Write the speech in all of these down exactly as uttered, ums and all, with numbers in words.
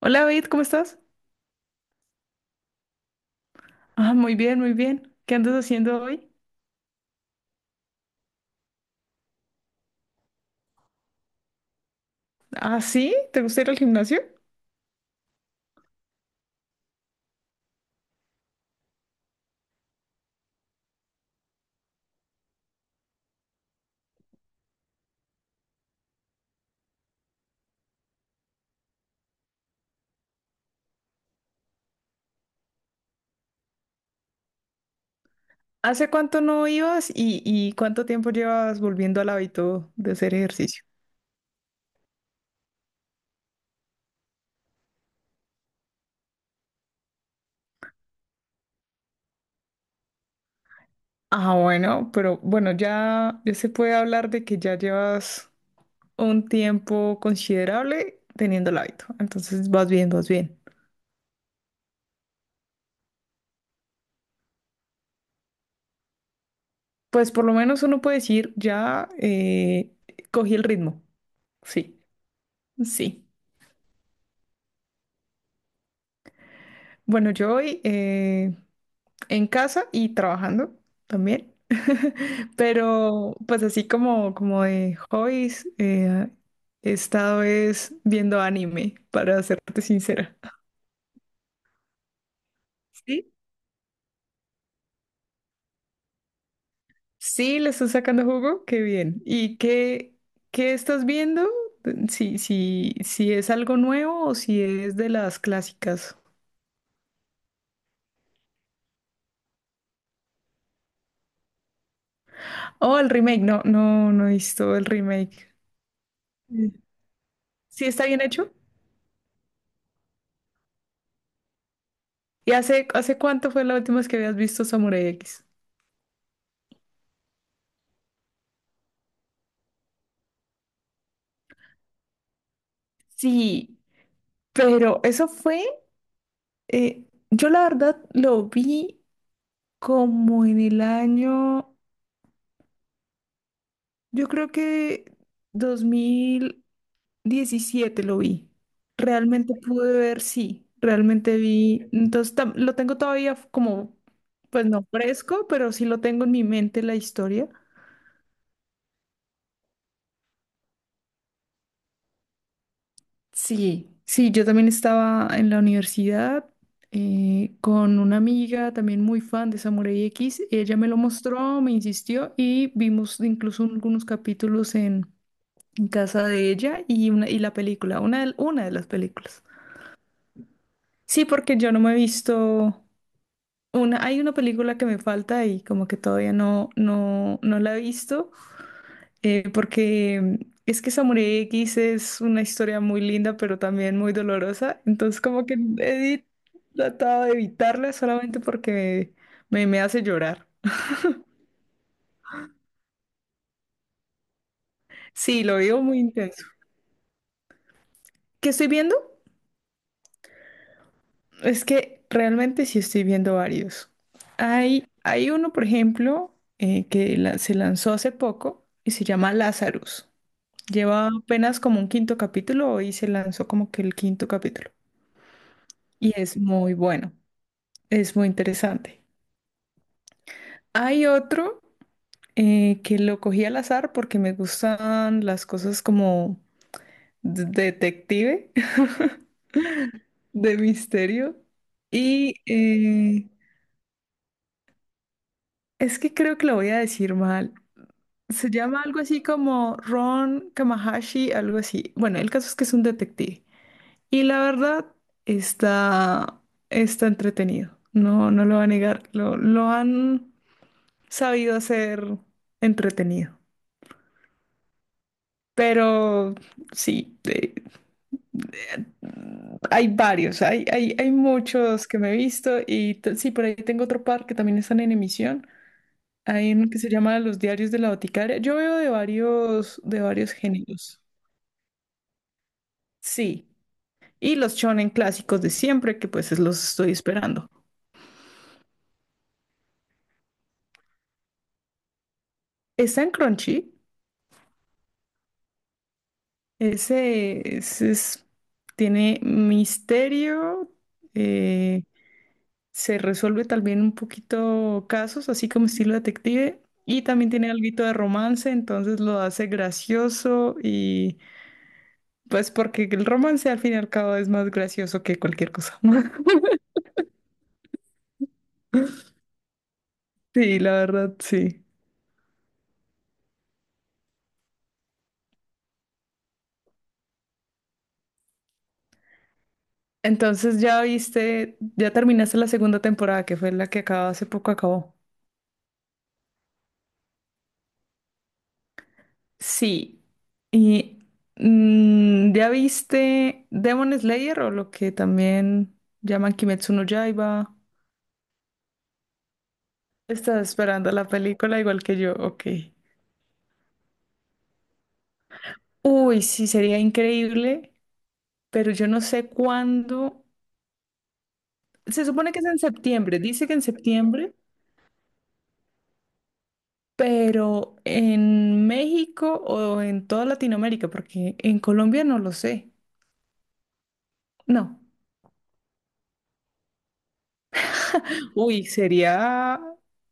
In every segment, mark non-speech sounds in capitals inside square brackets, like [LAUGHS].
Hola, David, ¿cómo estás? Ah, muy bien, muy bien. ¿Qué andas haciendo hoy? Ah, sí, ¿te gusta ir al gimnasio? ¿Hace cuánto no ibas y, y cuánto tiempo llevas volviendo al hábito de hacer ejercicio? Ah, bueno, pero bueno, ya, ya se puede hablar de que ya llevas un tiempo considerable teniendo el hábito. Entonces vas bien, vas bien. Pues por lo menos uno puede decir, ya eh, cogí el ritmo. Sí, sí. Bueno, yo hoy... eh, en casa y trabajando también. [LAUGHS] Pero pues así como, como de hobbies, eh, he estado es viendo anime, para serte sincera. Sí, sí, le estás sacando jugo, qué bien. ¿Y qué, qué estás viendo? Si, si, si es algo nuevo o si es de las clásicas. Oh, el remake, no, no, no he visto el remake. Mm. ¿Sí está bien hecho? ¿Y hace, hace cuánto fue la última vez que habías visto Samurai X? Sí. Pero eso fue, eh, yo la verdad lo vi como en el año, yo creo que dos mil diecisiete lo vi. Realmente pude ver, sí, realmente vi. Entonces tam- lo tengo todavía f- como, pues no fresco, pero sí lo tengo en mi mente la historia. Sí, sí, yo también estaba en la universidad eh, con una amiga también muy fan de Samurai X. Ella me lo mostró, me insistió y vimos incluso algunos capítulos en, en casa de ella y, una, y la película, una de, una de las películas. Sí, porque yo no me he visto una, hay una película que me falta y como que todavía no, no, no la he visto. eh, porque es que Samurai X es una historia muy linda, pero también muy dolorosa. Entonces, como que no he tratado de evitarla solamente porque me, me hace llorar. Sí, lo vivo muy intenso. ¿Qué estoy viendo? Es que realmente sí estoy viendo varios. Hay, hay uno, por ejemplo, eh, que la- se lanzó hace poco y se llama Lazarus. Lleva apenas como un quinto capítulo y se lanzó como que el quinto capítulo. Y es muy bueno. Es muy interesante. Hay otro eh, que lo cogí al azar porque me gustan las cosas como de- detective, [LAUGHS] de misterio. Y eh, es que creo que lo voy a decir mal. Se llama algo así como Ron Kamahashi, algo así. Bueno, el caso es que es un detective. Y la verdad está, está entretenido. No, no lo va a negar. Lo, lo han sabido hacer entretenido. Pero sí, eh, hay varios, hay, hay, hay muchos que me he visto y t- sí, por ahí tengo otro par que también están en emisión. Hay uno que se llama Los Diarios de la Boticaria. Yo veo de varios, de varios géneros. Sí, y los shonen clásicos de siempre, que pues es- los estoy esperando. Está en Crunchy, ese, ese es, tiene misterio, eh, se resuelve también un poquito casos, así como estilo detective, y también tiene algo de romance, entonces lo hace gracioso y pues porque el romance al fin y al cabo es más gracioso que cualquier cosa. [LAUGHS] Sí, la verdad, sí. Entonces ya viste, ya terminaste la segunda temporada, que fue la que acaba hace poco acabó. Sí. Y mm, ya viste Demon Slayer o lo que también llaman Kimetsu no Yaiba. Estás esperando la película igual que yo, ok. Uy, sí, sería increíble, pero yo no sé cuándo. Se supone que es en septiembre, dice que en septiembre, pero en México o en toda Latinoamérica, porque en Colombia no lo sé. No. Uy, sería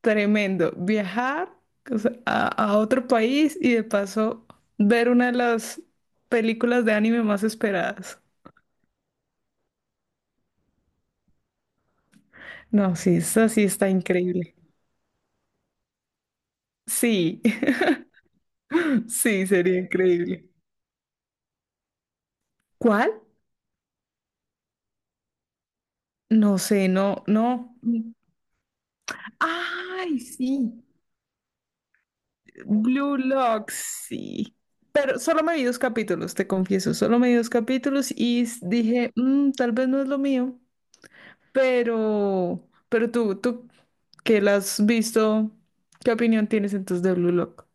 tremendo viajar o sea, a, a otro país y de paso ver una de las películas de anime más esperadas. No, sí, esa sí está increíble. Sí. [LAUGHS] Sí, sería increíble. ¿Cuál? No sé, no, no. Ay, sí. Blue Lock, sí. Pero solo me vi dos capítulos, te confieso. Solo me vi dos capítulos y s- dije, "Mm, tal vez no es lo mío. Pero, pero tú, tú que la has visto, ¿qué opinión tienes entonces de Blue Lock?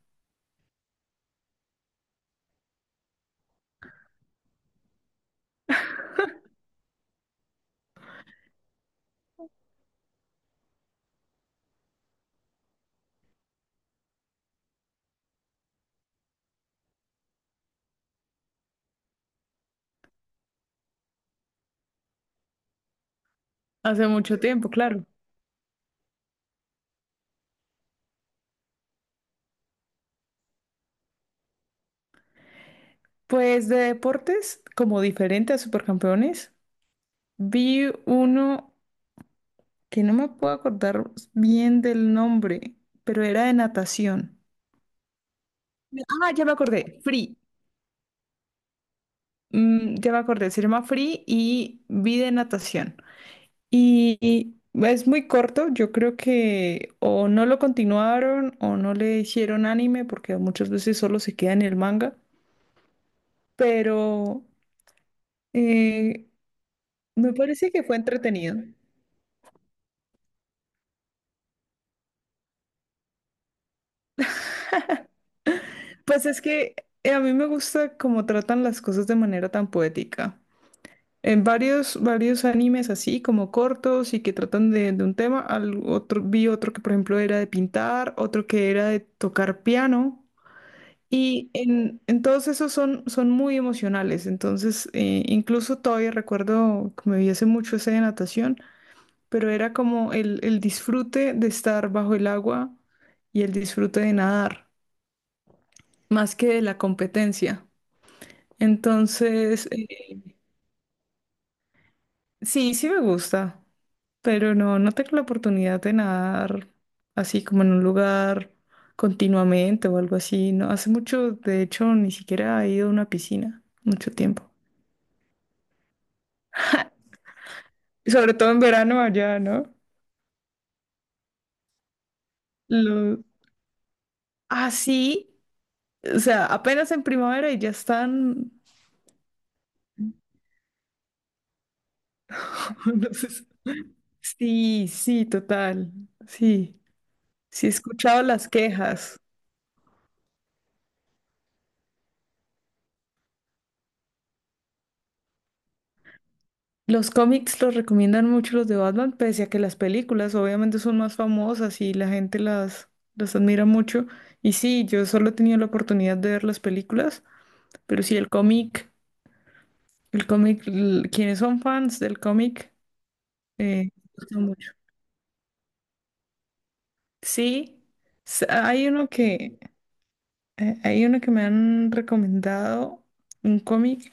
Hace mucho tiempo, claro. Pues de deportes, como diferente a Supercampeones, vi uno, que no me puedo acordar bien del nombre, pero era de natación. Ah, ya me acordé, Free. Mm, ya me acordé, se llama Free y vi de natación. Y, y es muy corto, yo creo que o no lo continuaron o no le hicieron anime, porque muchas veces solo se queda en el manga, pero eh, me parece que fue entretenido. Pues es que eh, a mí me gusta cómo tratan las cosas de manera tan poética. En varios, varios animes así, como cortos y que tratan de, de un tema, al otro, vi otro que por ejemplo era de pintar, otro que era de tocar piano, y en, en todos esos son, son muy emocionales, entonces eh, incluso todavía recuerdo que me vi hace mucho ese de natación, pero era como el, el disfrute de estar bajo el agua y el disfrute de nadar, más que de la competencia. Entonces, eh, sí, sí me gusta. Pero no, no tengo la oportunidad de nadar así como en un lugar continuamente o algo así. No, hace mucho, de hecho, ni siquiera he ido a una piscina, mucho tiempo. Y sobre todo en verano allá, ¿no? Lo... Ah, sí. O sea, apenas en primavera y ya están... [LAUGHS] no sé si- Sí, sí, total. Sí, sí he escuchado las quejas. Los cómics los recomiendan mucho los de Batman, pese a que las películas obviamente son más famosas y la gente las, las admira mucho. Y sí, yo solo he tenido la oportunidad de ver las películas, pero sí, el cómic, el cómic, l- quienes son fans del cómic, eh, gusta mucho. Sí, s- hay uno que, eh, hay uno que me han recomendado, un cómic,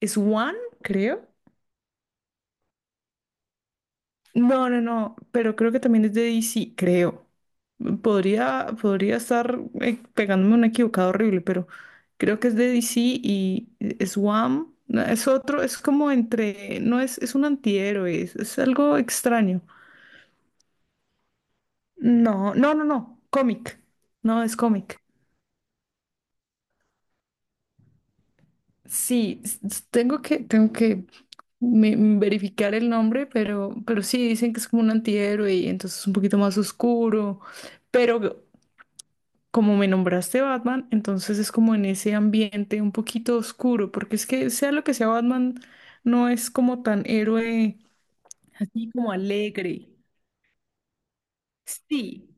es One, creo. No, no, no, pero creo que también es de D C, creo. Podría, podría estar eh, pegándome un equivocado horrible, pero creo que es de D C y es Wham. No, es otro, es como entre, no es, es un antihéroe, es, es algo extraño. No, no, no, no, cómic. No, es cómic. Sí, s- s- tengo que, tengo que me- me verificar el nombre, pero, pero sí, dicen que es como un antihéroe y entonces es un poquito más oscuro. Pero como me nombraste Batman, entonces es como en ese ambiente un poquito oscuro, porque es que sea lo que sea Batman, no es como tan héroe así como alegre. Sí,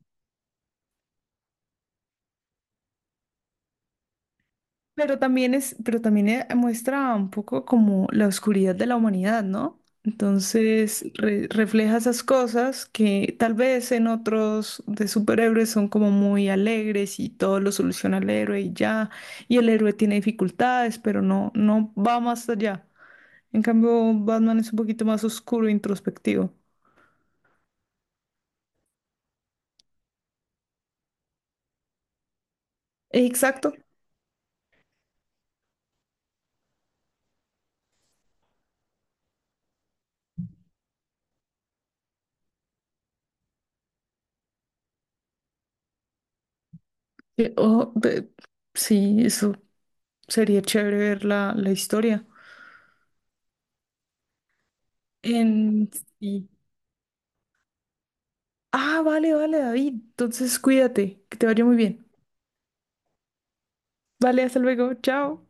pero también es, pero también eh, muestra un poco como la oscuridad de la humanidad, ¿no? Entonces re- refleja esas cosas que tal vez en otros de superhéroes son como muy alegres y todo lo soluciona el héroe y ya, y el héroe tiene dificultades, pero no, no va más allá. En cambio, Batman es un poquito más oscuro e introspectivo. Exacto. Eh, oh, de- sí, eso sería chévere ver la, la historia. En sí. Ah, vale, vale, David. Entonces, cuídate, que te vaya muy bien. Vale, hasta luego. Chao.